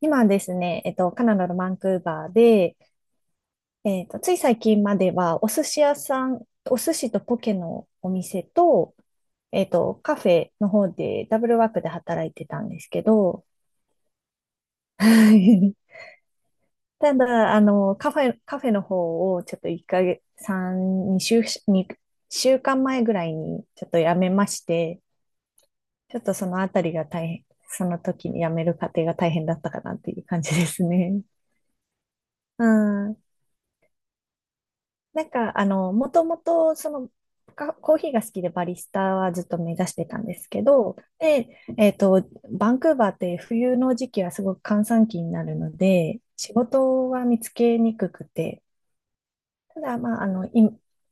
今ですね、カナダのバンクーバーで、つい最近までは、お寿司屋さん、お寿司とポケのお店と、カフェの方でダブルワークで働いてたんですけど、ただ、カフェの方をちょっと1ヶ月、3、2週、2週間前ぐらいにちょっと辞めまして、ちょっとそのあたりが大変、その時に辞める過程が大変だったかなっていう感じですね。うんもともと、コーヒーが好きでバリスタはずっと目指してたんですけど、で、えっと、バンクーバーって冬の時期はすごく閑散期になるので、仕事は見つけにくくて、ただ、まあ、あの、い、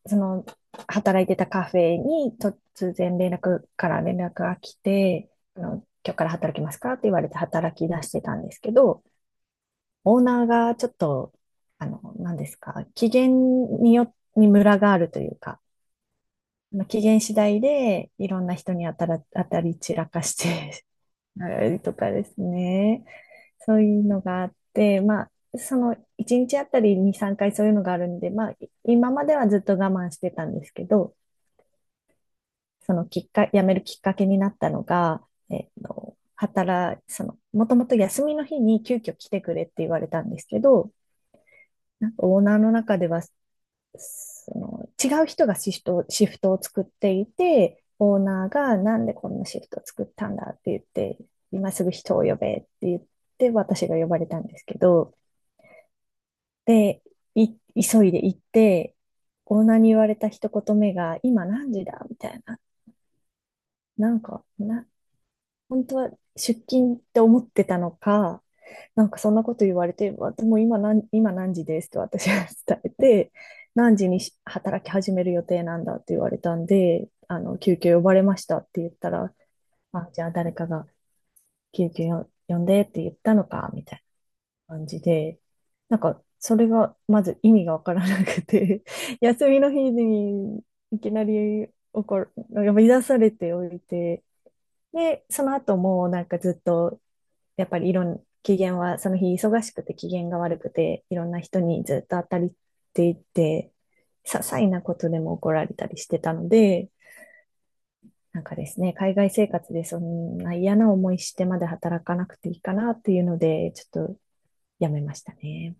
その、働いてたカフェに突然連絡が来て、あの、今日から働きますかって言われて働き出してたんですけど、オーナーがちょっと、あの、何ですか、機嫌にムラがあるというか、機嫌次第でいろんな人に当たり散らかして あれとかですね。そういうのがあって、まあ、その1日あたり2、3回そういうのがあるんで、まあ、今まではずっと我慢してたんですけど、そのきっか、辞めるきっかけになったのが、えっと、働、その、もともと休みの日に急遽来てくれって言われたんですけど、なんかオーナーの中ではその違う人がシフトを作っていて、オーナーがなんでこんなシフトを作ったんだって言って、今すぐ人を呼べって言って、私が呼ばれたんですけど、で、い急いで行って、オーナーに言われた一言目が、今何時だみたいな。なんか、な、本当は出勤って思ってたのか、なんかそんなこと言われて、でも今何時ですって私は伝えて、何時に働き始める予定なんだって言われたんで、あの、救急呼ばれましたって言ったら、あ、じゃあ誰かが救急呼んでって言ったのか、みたいな感じで、なんかそれがまず意味がわからなくて、休みの日にいきなり怒る、呼び出されておいて、で、その後もなんかずっとやっぱりいろん、機嫌は、その日忙しくて機嫌が悪くて、いろんな人にずっと当たりっていて、些細なことでも怒られたりしてたので、なんかですね、海外生活でそんな嫌な思いしてまで働かなくていいかなっていうので、ちょっとやめましたね。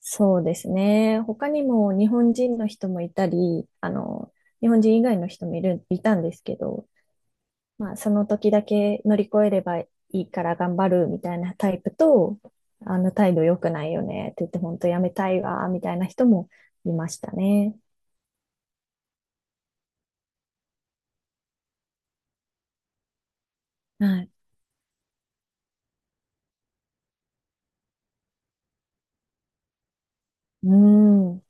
そうですね。他にも日本人の人もいたり、日本人以外の人もいる、いたんですけど、まあ、その時だけ乗り越えればいいから頑張るみたいなタイプと、あの態度良くないよねって言って本当やめたいわ、みたいな人もいましたね。はい。うん。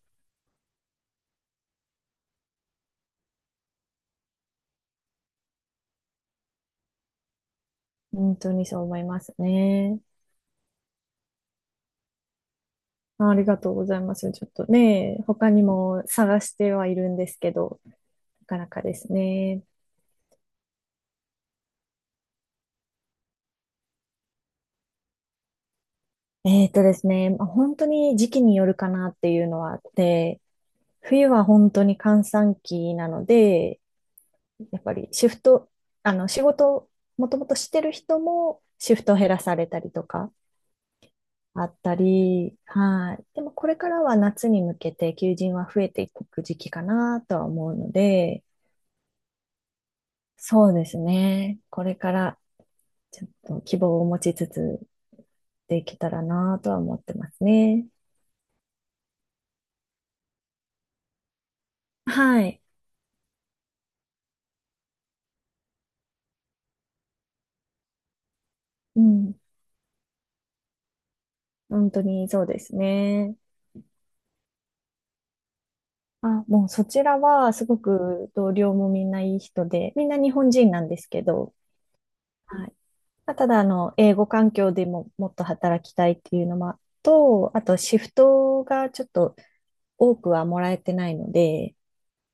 本当にそう思いますね。ありがとうございます。ちょっとね、他にも探してはいるんですけど、なかなかですね。ですね、まあ本当に時期によるかなっていうのはあって、冬は本当に閑散期なので、やっぱりシフト、あの、仕事をもともとしてる人もシフトを減らされたりとかあったり、はい。でもこれからは夏に向けて求人は増えていく時期かなとは思うので、そうですね。これからちょっと希望を持ちつつできたらなとは思ってますね。はい。うん。本当にそうですね。あ、もうそちらはすごく同僚もみんないい人で、みんな日本人なんですけど、はい。まあただ、英語環境でももっと働きたいっていうのもと、あと、シフトがちょっと多くはもらえてないので、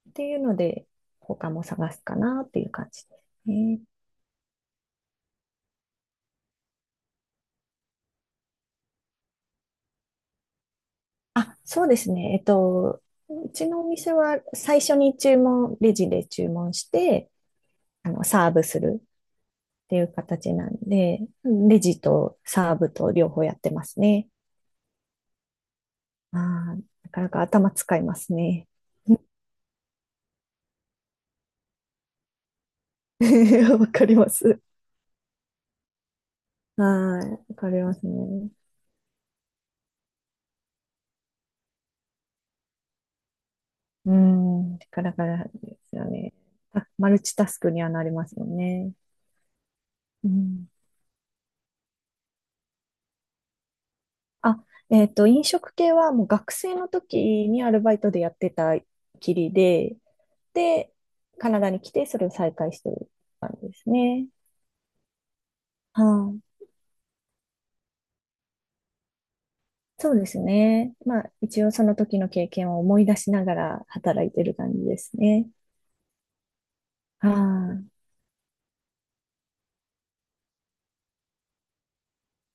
っていうので、他も探すかなっていう感じですね。あ、そうですね。うちのお店は最初に注文、レジで注文して、あの、サーブするっていう形なんで、レジとサーブと両方やってますね。ああ、なかなか頭使いますね。わかります。はい。わかりますね。うん。からかですよね。マルチタスクにはなりますよね。うん。あ、飲食系はもう学生の時にアルバイトでやってたきりで、で、カナダに来てそれを再開してる感じですね。はい。そうですね。まあ、一応その時の経験を思い出しながら働いてる感じですね。はい。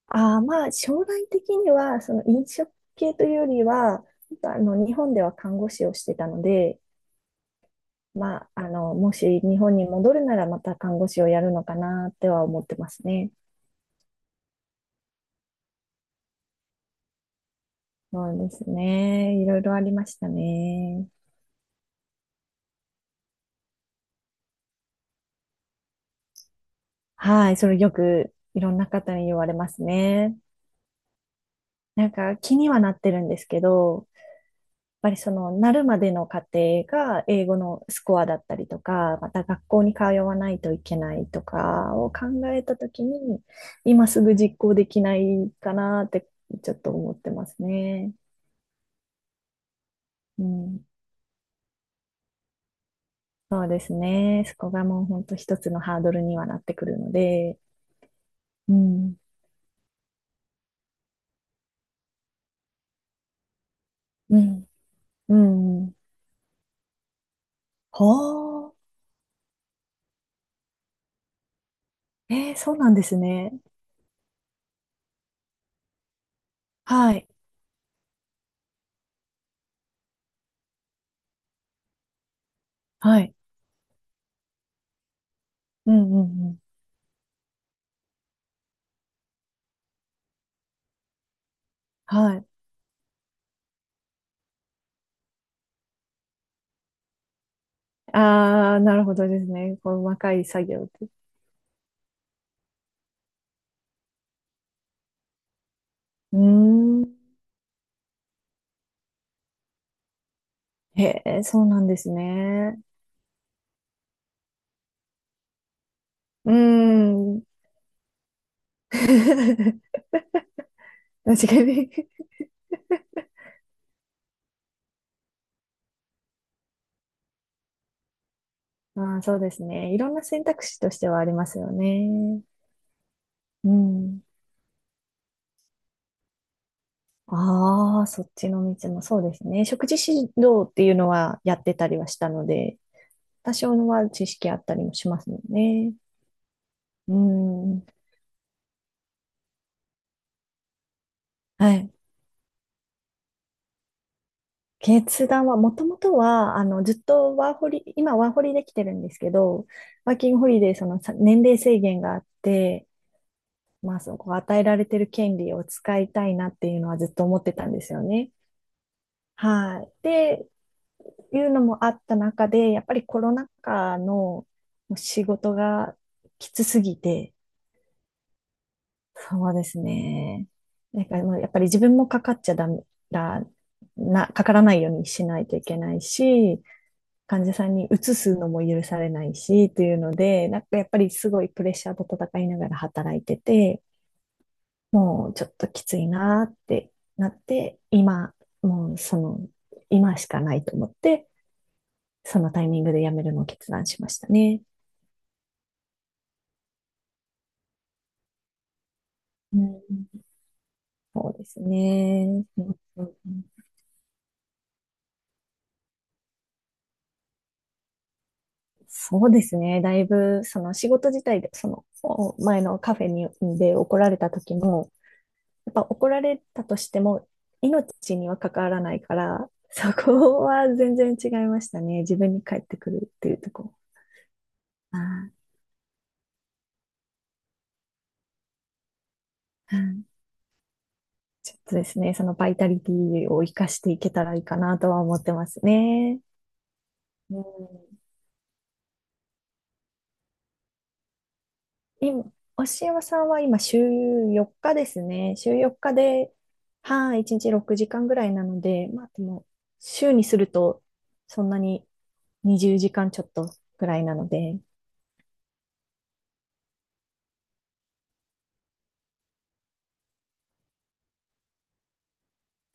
ああ、まあ、将来的には、その飲食系というよりは、あの、日本では看護師をしてたので、もし日本に戻るならまた看護師をやるのかなっては思ってますね。そうですね。いろいろありましたね。はい。それよくいろんな方に言われますね。なんか気にはなってるんですけど、その、なるまでの過程が英語のスコアだったりとか、また学校に通わないといけないとかを考えたときに、今すぐ実行できないかなってちょっと思ってますね。うん。そうですね。そこがもう本当一つのハードルにはなってくるので。うん。うん。うん。ほー。えー、そうなんですね。はい。はい。うんうんうん。はい。ああ、なるほどですね。この細かい作業って。うーん。へえ、そうなんですね。うーん。確かに。ああ、そうですね。いろんな選択肢としてはありますよね。うん。ああ、そっちの道もそうですね。食事指導っていうのはやってたりはしたので、多少のは知識あったりもしますもんね。うん。はい。決断は、もともとは、あの、ずっとワーホリ、今ワーホリできてるんですけど、ワーキングホリデー、その年齢制限があって、まあ、そこ与えられてる権利を使いたいなっていうのはずっと思ってたんですよね。はい。いうのもあった中で、やっぱりコロナ禍の仕事がきつすぎて、そうですね。なんかもうやっぱり自分もかかっちゃダメだな、かからないようにしないといけないし、患者さんに移すのも許されないし、というので、なんかやっぱりすごいプレッシャーと戦いながら働いてて、もうちょっときついなってなって、今、もうその、今しかないと思って、そのタイミングで辞めるのを決断しましたね。うん、そうですね。うん。そうですね。だいぶ、その仕事自体で、そのお前のカフェにで、怒られた時も、やっぱ怒られたとしても、命には関わらないから、そこは全然違いましたね。自分に返ってくるっていうところ。あーうん、ちょっとですね、そのバイタリティを生かしていけたらいいかなとは思ってますね。うん、今、押山さんは今週4日ですね。週4日で、はい、1日6時間ぐらいなので、まあでも、週にすると、そんなに20時間ちょっとぐらいなので、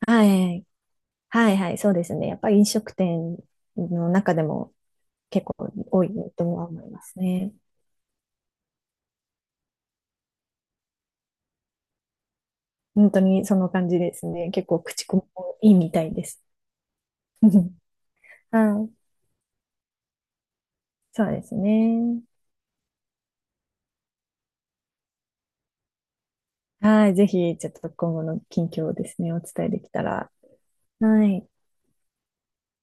はい、はい、はい、そうですね。やっぱり飲食店の中でも結構多いとは思いますね。本当にその感じですね。結構口コミもいいみたいです。はい。そうですね。はい。ぜひ、ちょっと今後の近況をですね、お伝えできたら。はい。